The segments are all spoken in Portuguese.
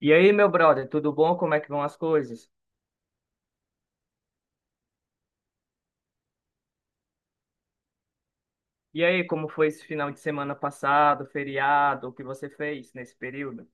E aí, meu brother, tudo bom? Como é que vão as coisas? E aí, como foi esse final de semana passado, feriado, o que você fez nesse período?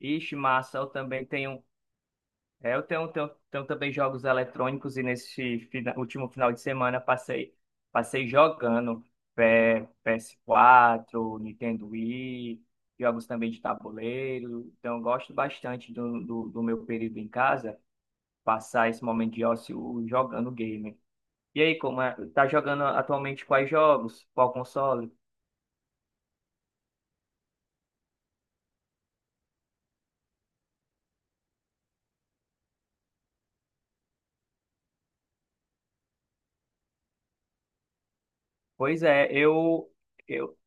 Ixi, massa, eu também tenho, eu tenho também jogos eletrônicos e nesse último final de semana passei jogando PS4, Nintendo Wii, jogos também de tabuleiro, então eu gosto bastante do meu período em casa, passar esse momento de ócio jogando game. E aí, como é? Tá jogando atualmente quais jogos? Qual console? Pois é, eu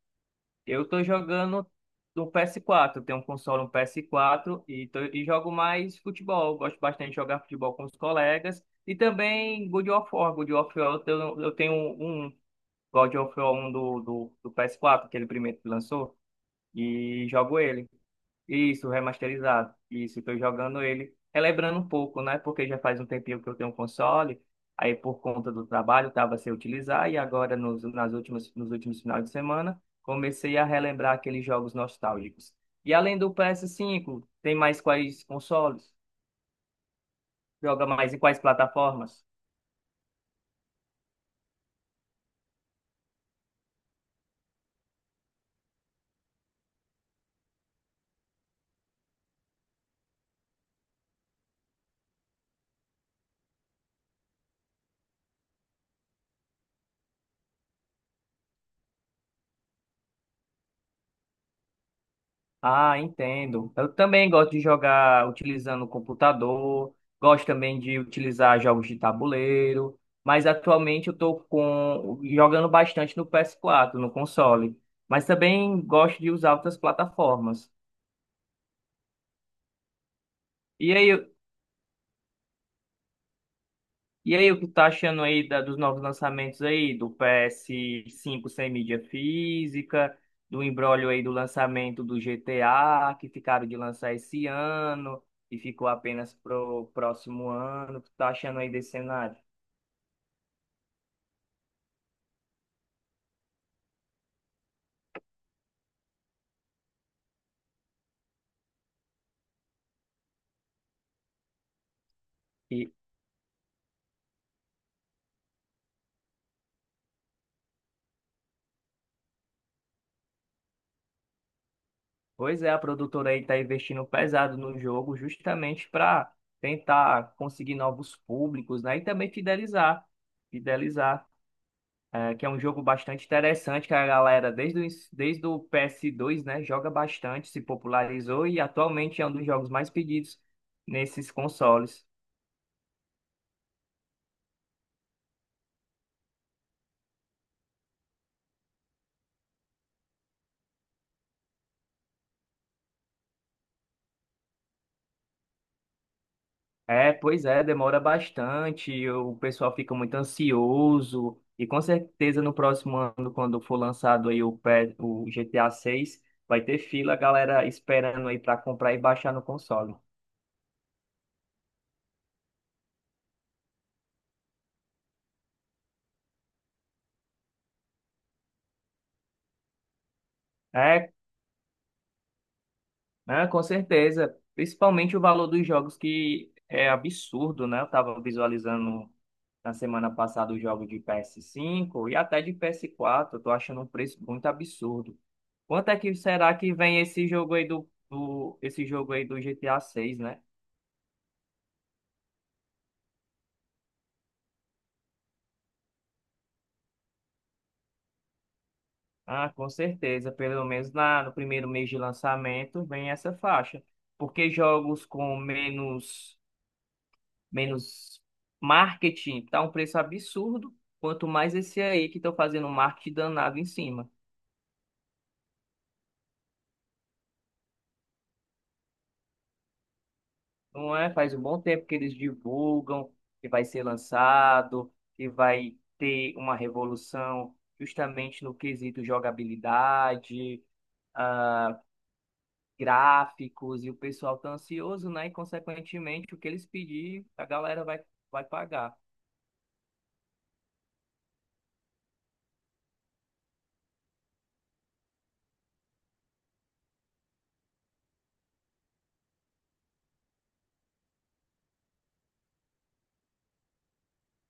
eu tô jogando no PS4. Tenho um console, um PS4 e jogo mais futebol. Gosto bastante de jogar futebol com os colegas e também God of War. God of War, eu tenho um God of War um do PS4, aquele primeiro que lançou, e jogo ele. Isso, remasterizado. Isso, estou jogando ele, relembrando um pouco, né? Porque já faz um tempinho que eu tenho um console, aí por conta do trabalho estava sem utilizar, e agora nos últimos finais de semana comecei a relembrar aqueles jogos nostálgicos. E além do PS5, tem mais quais consoles? Joga mais em quais plataformas? Ah, entendo. Eu também gosto de jogar utilizando o computador, gosto também de utilizar jogos de tabuleiro, mas atualmente eu estou com jogando bastante no PS4, no console, mas também gosto de usar outras plataformas. E aí, E aí, o que tá achando aí dos novos lançamentos aí, do PS5 sem mídia física, do imbróglio aí do lançamento do GTA, que ficaram de lançar esse ano e ficou apenas pro próximo ano. O que tá achando aí desse cenário? E, pois é, a produtora aí tá investindo pesado no jogo justamente para tentar conseguir novos públicos, né? E também fidelizar. É que é um jogo bastante interessante, que a galera, desde o PS2, né, joga bastante, se popularizou e atualmente é um dos jogos mais pedidos nesses consoles. É, pois é, demora bastante, o pessoal fica muito ansioso, e com certeza no próximo ano, quando for lançado aí o GTA 6, vai ter fila, a galera esperando aí para comprar e baixar no console. É, ah, com certeza. Principalmente o valor dos jogos, que é absurdo, né? Eu estava visualizando na semana passada o jogo de PS5 e até de PS4. Eu tô achando um preço muito absurdo. Quanto é que será que vem esse jogo aí esse jogo aí do GTA 6, né? Ah, com certeza. Pelo menos na, no primeiro mês de lançamento vem essa faixa. Porque jogos com menos marketing, tá um preço absurdo, quanto mais esse aí que estão fazendo um marketing danado em cima. Não é? Faz um bom tempo que eles divulgam que vai ser lançado, que vai ter uma revolução justamente no quesito jogabilidade, ah, gráficos, e o pessoal tá ansioso, né? E consequentemente o que eles pedir, a galera vai pagar.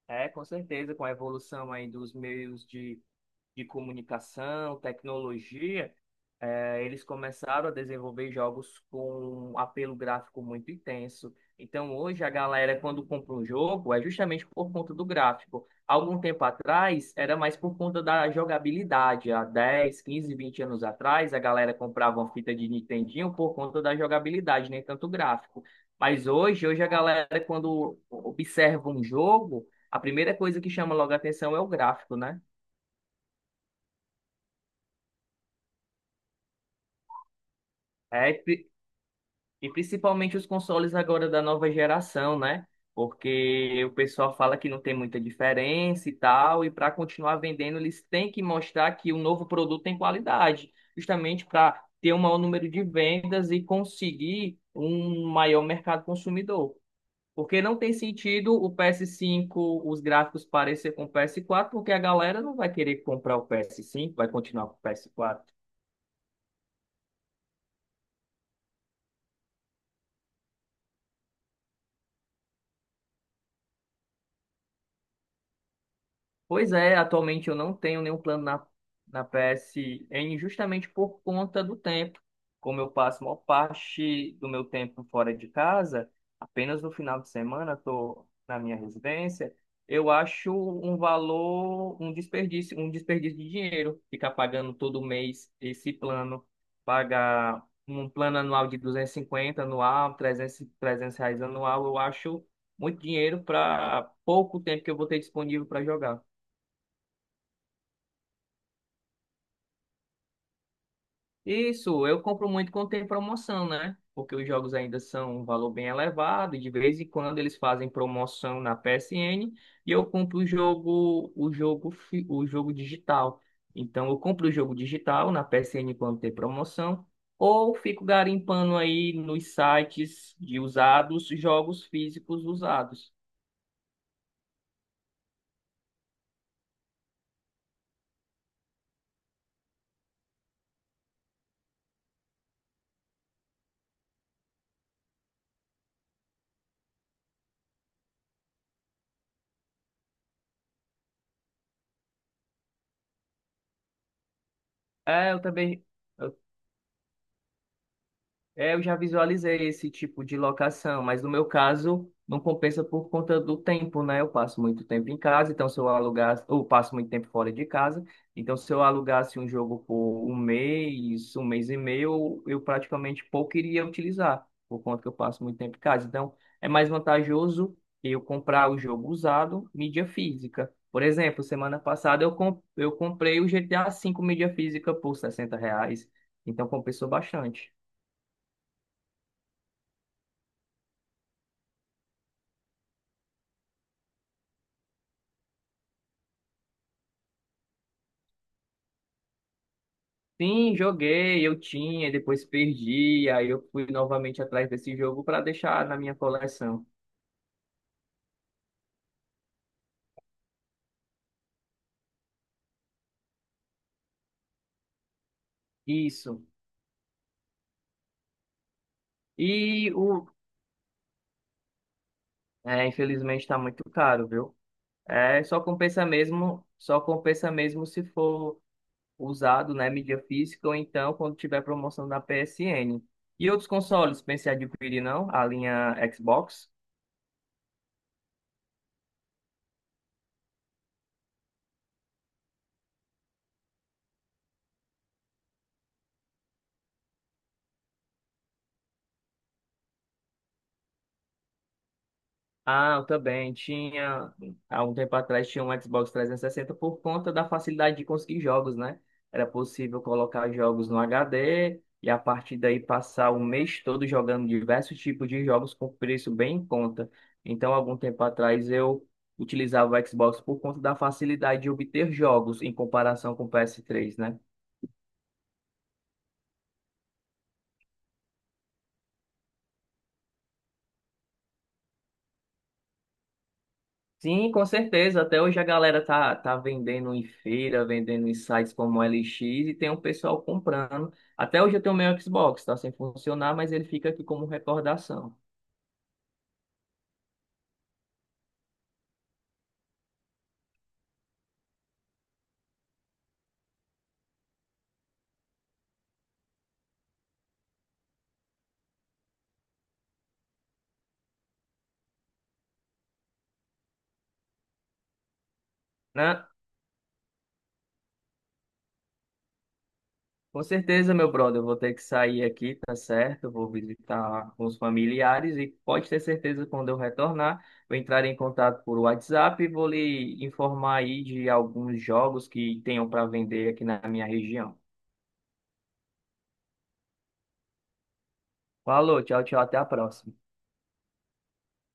É, com certeza, com a evolução aí dos meios de comunicação, tecnologia, eles começaram a desenvolver jogos com um apelo gráfico muito intenso. Então, hoje, a galera, quando compra um jogo, é justamente por conta do gráfico. Algum tempo atrás, era mais por conta da jogabilidade. Há 10, 15, 20 anos atrás, a galera comprava uma fita de Nintendinho por conta da jogabilidade, nem tanto gráfico. Mas hoje, hoje a galera, quando observa um jogo, a primeira coisa que chama logo a atenção é o gráfico, né? É, e principalmente os consoles agora da nova geração, né? Porque o pessoal fala que não tem muita diferença e tal, e para continuar vendendo, eles têm que mostrar que o novo produto tem qualidade, justamente para ter um maior número de vendas e conseguir um maior mercado consumidor. Porque não tem sentido o PS5, os gráficos parecer com o PS4, porque a galera não vai querer comprar o PS5, vai continuar com o PS4. Pois é, atualmente eu não tenho nenhum plano na PSN justamente por conta do tempo. Como eu passo a maior parte do meu tempo fora de casa, apenas no final de semana estou na minha residência, eu acho um valor, um desperdício de dinheiro ficar pagando todo mês esse plano, pagar um plano anual de 250 anual, 300, R$ 300 anual, eu acho muito dinheiro para pouco tempo que eu vou ter disponível para jogar. Isso, eu compro muito quando tem promoção, né? Porque os jogos ainda são um valor bem elevado, e de vez em quando eles fazem promoção na PSN e eu compro o jogo digital. Então eu compro o jogo digital na PSN quando tem promoção, ou fico garimpando aí nos sites de usados, jogos físicos usados. É, eu também. É, eu já visualizei esse tipo de locação, mas no meu caso não compensa por conta do tempo, né? Eu passo muito tempo em casa, então se eu alugasse, ou passo muito tempo fora de casa, então se eu alugasse um jogo por um mês e meio, eu praticamente pouco iria utilizar, por conta que eu passo muito tempo em casa. Então é mais vantajoso eu comprar o jogo usado, mídia física. Por exemplo, semana passada eu, eu comprei o GTA V mídia física por R$ 60, então compensou bastante. Sim, joguei, eu tinha, depois perdi, aí eu fui novamente atrás desse jogo para deixar na minha coleção. Isso. E infelizmente está muito caro, viu? É, só compensa mesmo se for usado, né, mídia física ou então quando tiver promoção da PSN. E outros consoles, pensei em adquirir não? A linha Xbox? Ah, eu também tinha, há um tempo atrás tinha um Xbox 360 por conta da facilidade de conseguir jogos, né? Era possível colocar jogos no HD e a partir daí passar o mês todo jogando diversos tipos de jogos com preço bem em conta. Então, algum tempo atrás eu utilizava o Xbox por conta da facilidade de obter jogos em comparação com o PS3, né? Sim, com certeza. Até hoje a galera tá vendendo em feira, vendendo em sites como LX e tem um pessoal comprando. Até hoje eu tenho o meu Xbox, tá sem funcionar, mas ele fica aqui como recordação, né? Com certeza, meu brother, eu vou ter que sair aqui, tá certo? Eu vou visitar os familiares e pode ter certeza quando eu retornar, vou entrar em contato por WhatsApp e vou lhe informar aí de alguns jogos que tenham para vender aqui na minha região. Falou, tchau, tchau, até a próxima.